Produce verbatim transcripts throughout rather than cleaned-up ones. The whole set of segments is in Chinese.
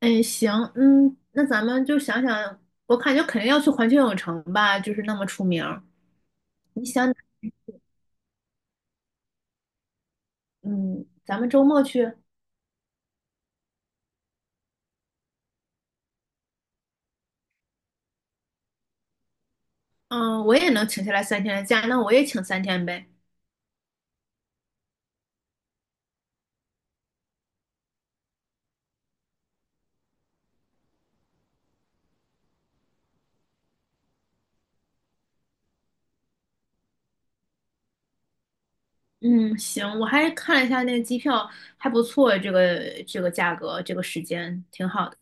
哎，行，嗯，那咱们就想想，我感觉肯定要去环球影城吧，就是那么出名儿。你想，嗯，咱们周末去。嗯，我也能请下来三天的假，那我也请三天呗。嗯，行，我还看了一下那个机票，还不错，这个这个价格，这个时间挺好的。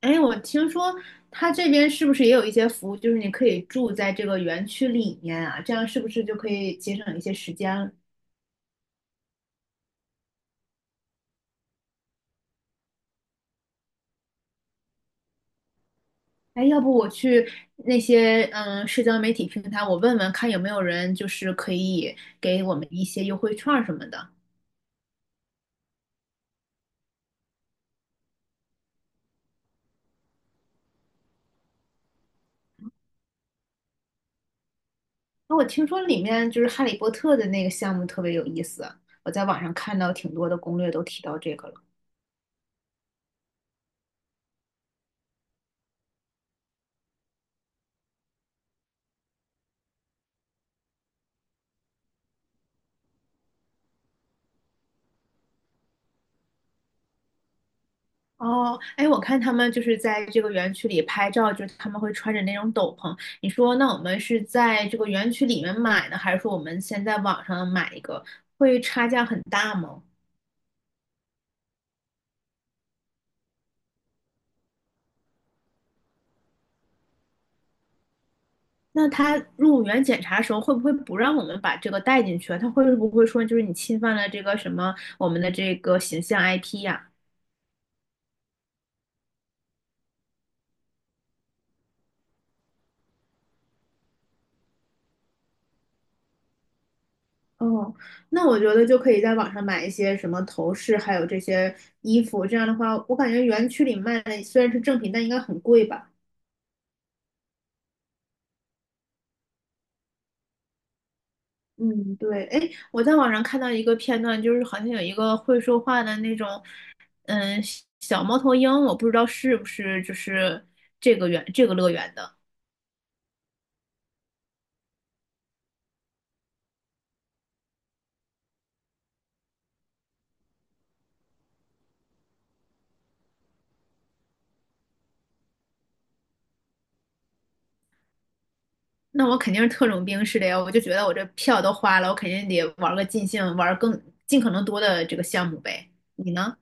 哎，我听说他这边是不是也有一些服务，就是你可以住在这个园区里面啊，这样是不是就可以节省一些时间？哎，要不我去那些嗯社交媒体平台，我问问看有没有人就是可以给我们一些优惠券儿什么的。那我听说里面就是《哈利波特》的那个项目特别有意思，我在网上看到挺多的攻略都提到这个了。哦，哎，我看他们就是在这个园区里拍照，就是他们会穿着那种斗篷。你说，那我们是在这个园区里面买呢，还是说我们先在网上买一个，会差价很大吗？那他入园检查时候会不会不让我们把这个带进去啊？他会不会说就是你侵犯了这个什么我们的这个形象 I P 呀、哦，那我觉得就可以在网上买一些什么头饰，还有这些衣服。这样的话，我感觉园区里卖的虽然是正品，但应该很贵吧？嗯，对，哎，我在网上看到一个片段，就是好像有一个会说话的那种，嗯，小猫头鹰，我不知道是不是就是这个园这个乐园的。那我肯定是特种兵式的呀，我就觉得我这票都花了，我肯定得玩个尽兴，玩更尽可能多的这个项目呗。你呢？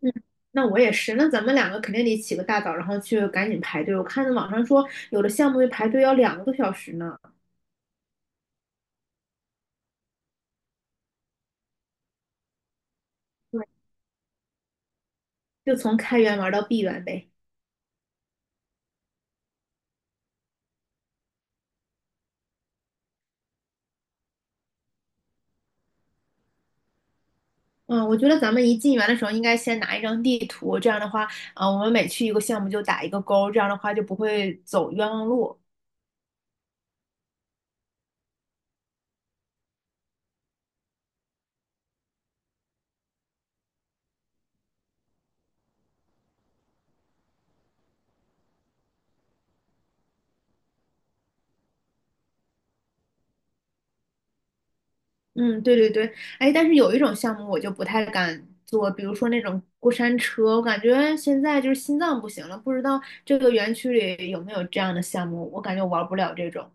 嗯，那我也是，那咱们两个肯定得起个大早，然后去赶紧排队。我看网上说有的项目排队要两个多小时呢。对，就从开园玩到闭园呗。嗯，我觉得咱们一进园的时候应该先拿一张地图，这样的话，啊、我们每去一个项目就打一个勾，这样的话就不会走冤枉路。嗯，对对对，哎，但是有一种项目我就不太敢做，比如说那种过山车，我感觉现在就是心脏不行了，不知道这个园区里有没有这样的项目，我感觉我玩不了这种。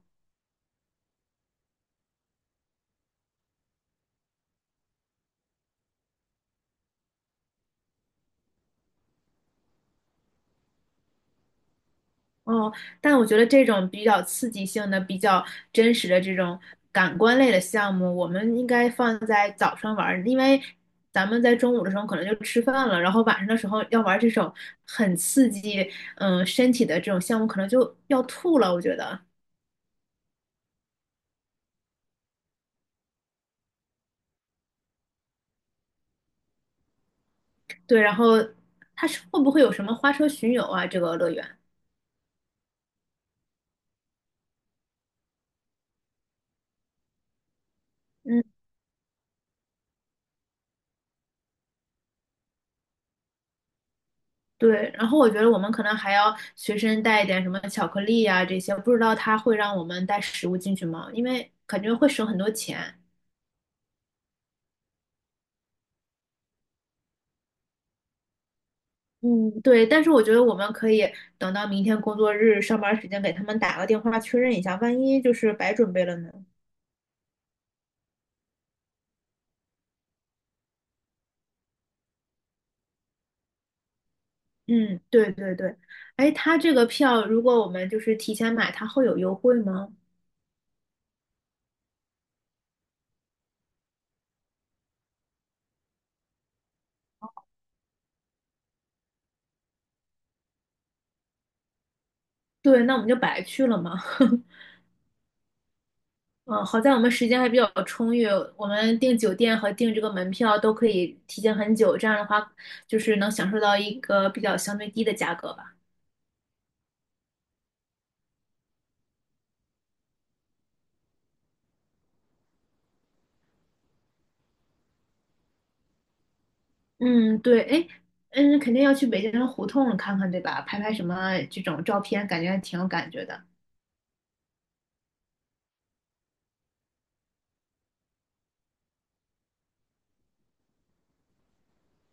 哦，但我觉得这种比较刺激性的、比较真实的这种感官类的项目，我们应该放在早上玩儿，因为咱们在中午的时候可能就吃饭了，然后晚上的时候要玩这种很刺激，嗯，身体的这种项目，可能就要吐了，我觉得。对，然后它是会不会有什么花车巡游啊？这个乐园，嗯，对。然后我觉得我们可能还要随身带一点什么巧克力啊这些，不知道它会让我们带食物进去吗？因为感觉会省很多钱。嗯，对，但是我觉得我们可以等到明天工作日上班时间给他们打个电话确认一下，万一就是白准备了呢？嗯，对对对。哎，它这个票如果我们就是提前买，它会有优惠吗？对，那我们就白去了嘛。嗯，好在我们时间还比较充裕，我们订酒店和订这个门票都可以提前很久，这样的话就是能享受到一个比较相对低的价格吧。嗯，对，哎，嗯，肯定要去北京的胡同看看，对吧？拍拍什么这种照片，感觉还挺有感觉的。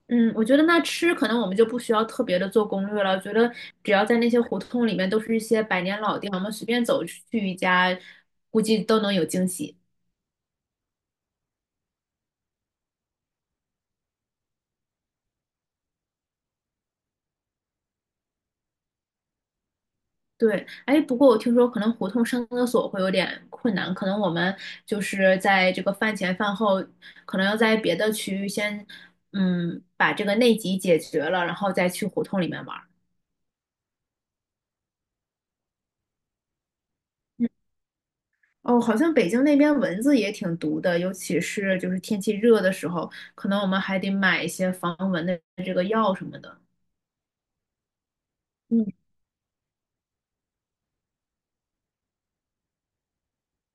嗯，我觉得那吃可能我们就不需要特别的做攻略了，觉得只要在那些胡同里面都是一些百年老店，我们随便走去一家，估计都能有惊喜。对，哎，不过我听说可能胡同上厕所会有点困难，可能我们就是在这个饭前饭后，可能要在别的区域先，嗯，把这个内急解决了，然后再去胡同里面玩儿。嗯哦，好像北京那边蚊子也挺毒的，尤其是就是天气热的时候，可能我们还得买一些防蚊的这个药什么的。嗯。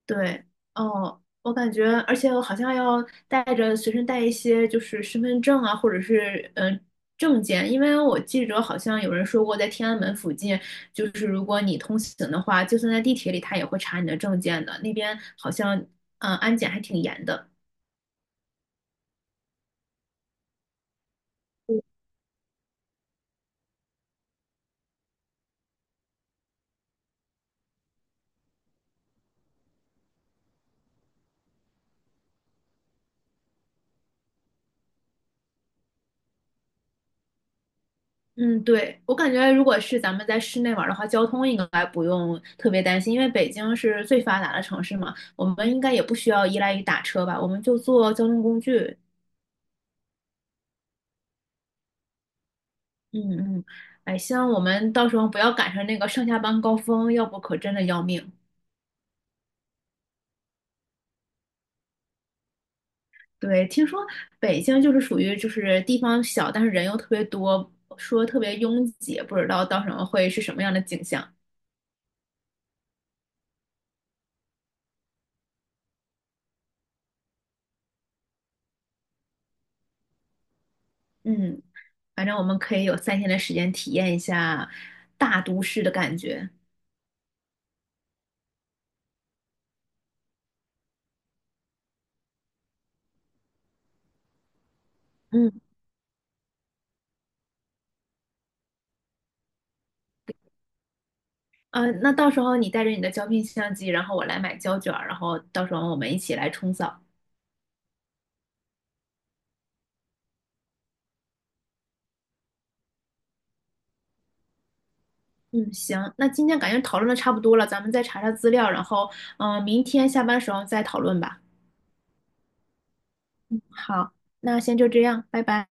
对，哦，我感觉，而且我好像要带着随身带一些，就是身份证啊，或者是嗯、呃证件，因为我记着好像有人说过，在天安门附近，就是如果你通行的话，就算在地铁里，他也会查你的证件的。那边好像嗯、呃安检还挺严的。嗯，对，我感觉如果是咱们在室内玩儿的话，交通应该不用特别担心，因为北京是最发达的城市嘛，我们应该也不需要依赖于打车吧，我们就坐交通工具。嗯嗯，哎，希望我们到时候不要赶上那个上下班高峰，要不可真的要命。对，听说北京就是属于就是地方小，但是人又特别多，说特别拥挤，不知道到时候会是什么样的景象。嗯，反正我们可以有三天的时间体验一下大都市的感觉。嗯，呃，那到时候你带着你的胶片相机，然后我来买胶卷儿，然后到时候我们一起来冲扫。嗯，行，那今天感觉讨论的差不多了，咱们再查查资料，然后，嗯、明天下班时候再讨论吧。好，那先就这样，拜拜。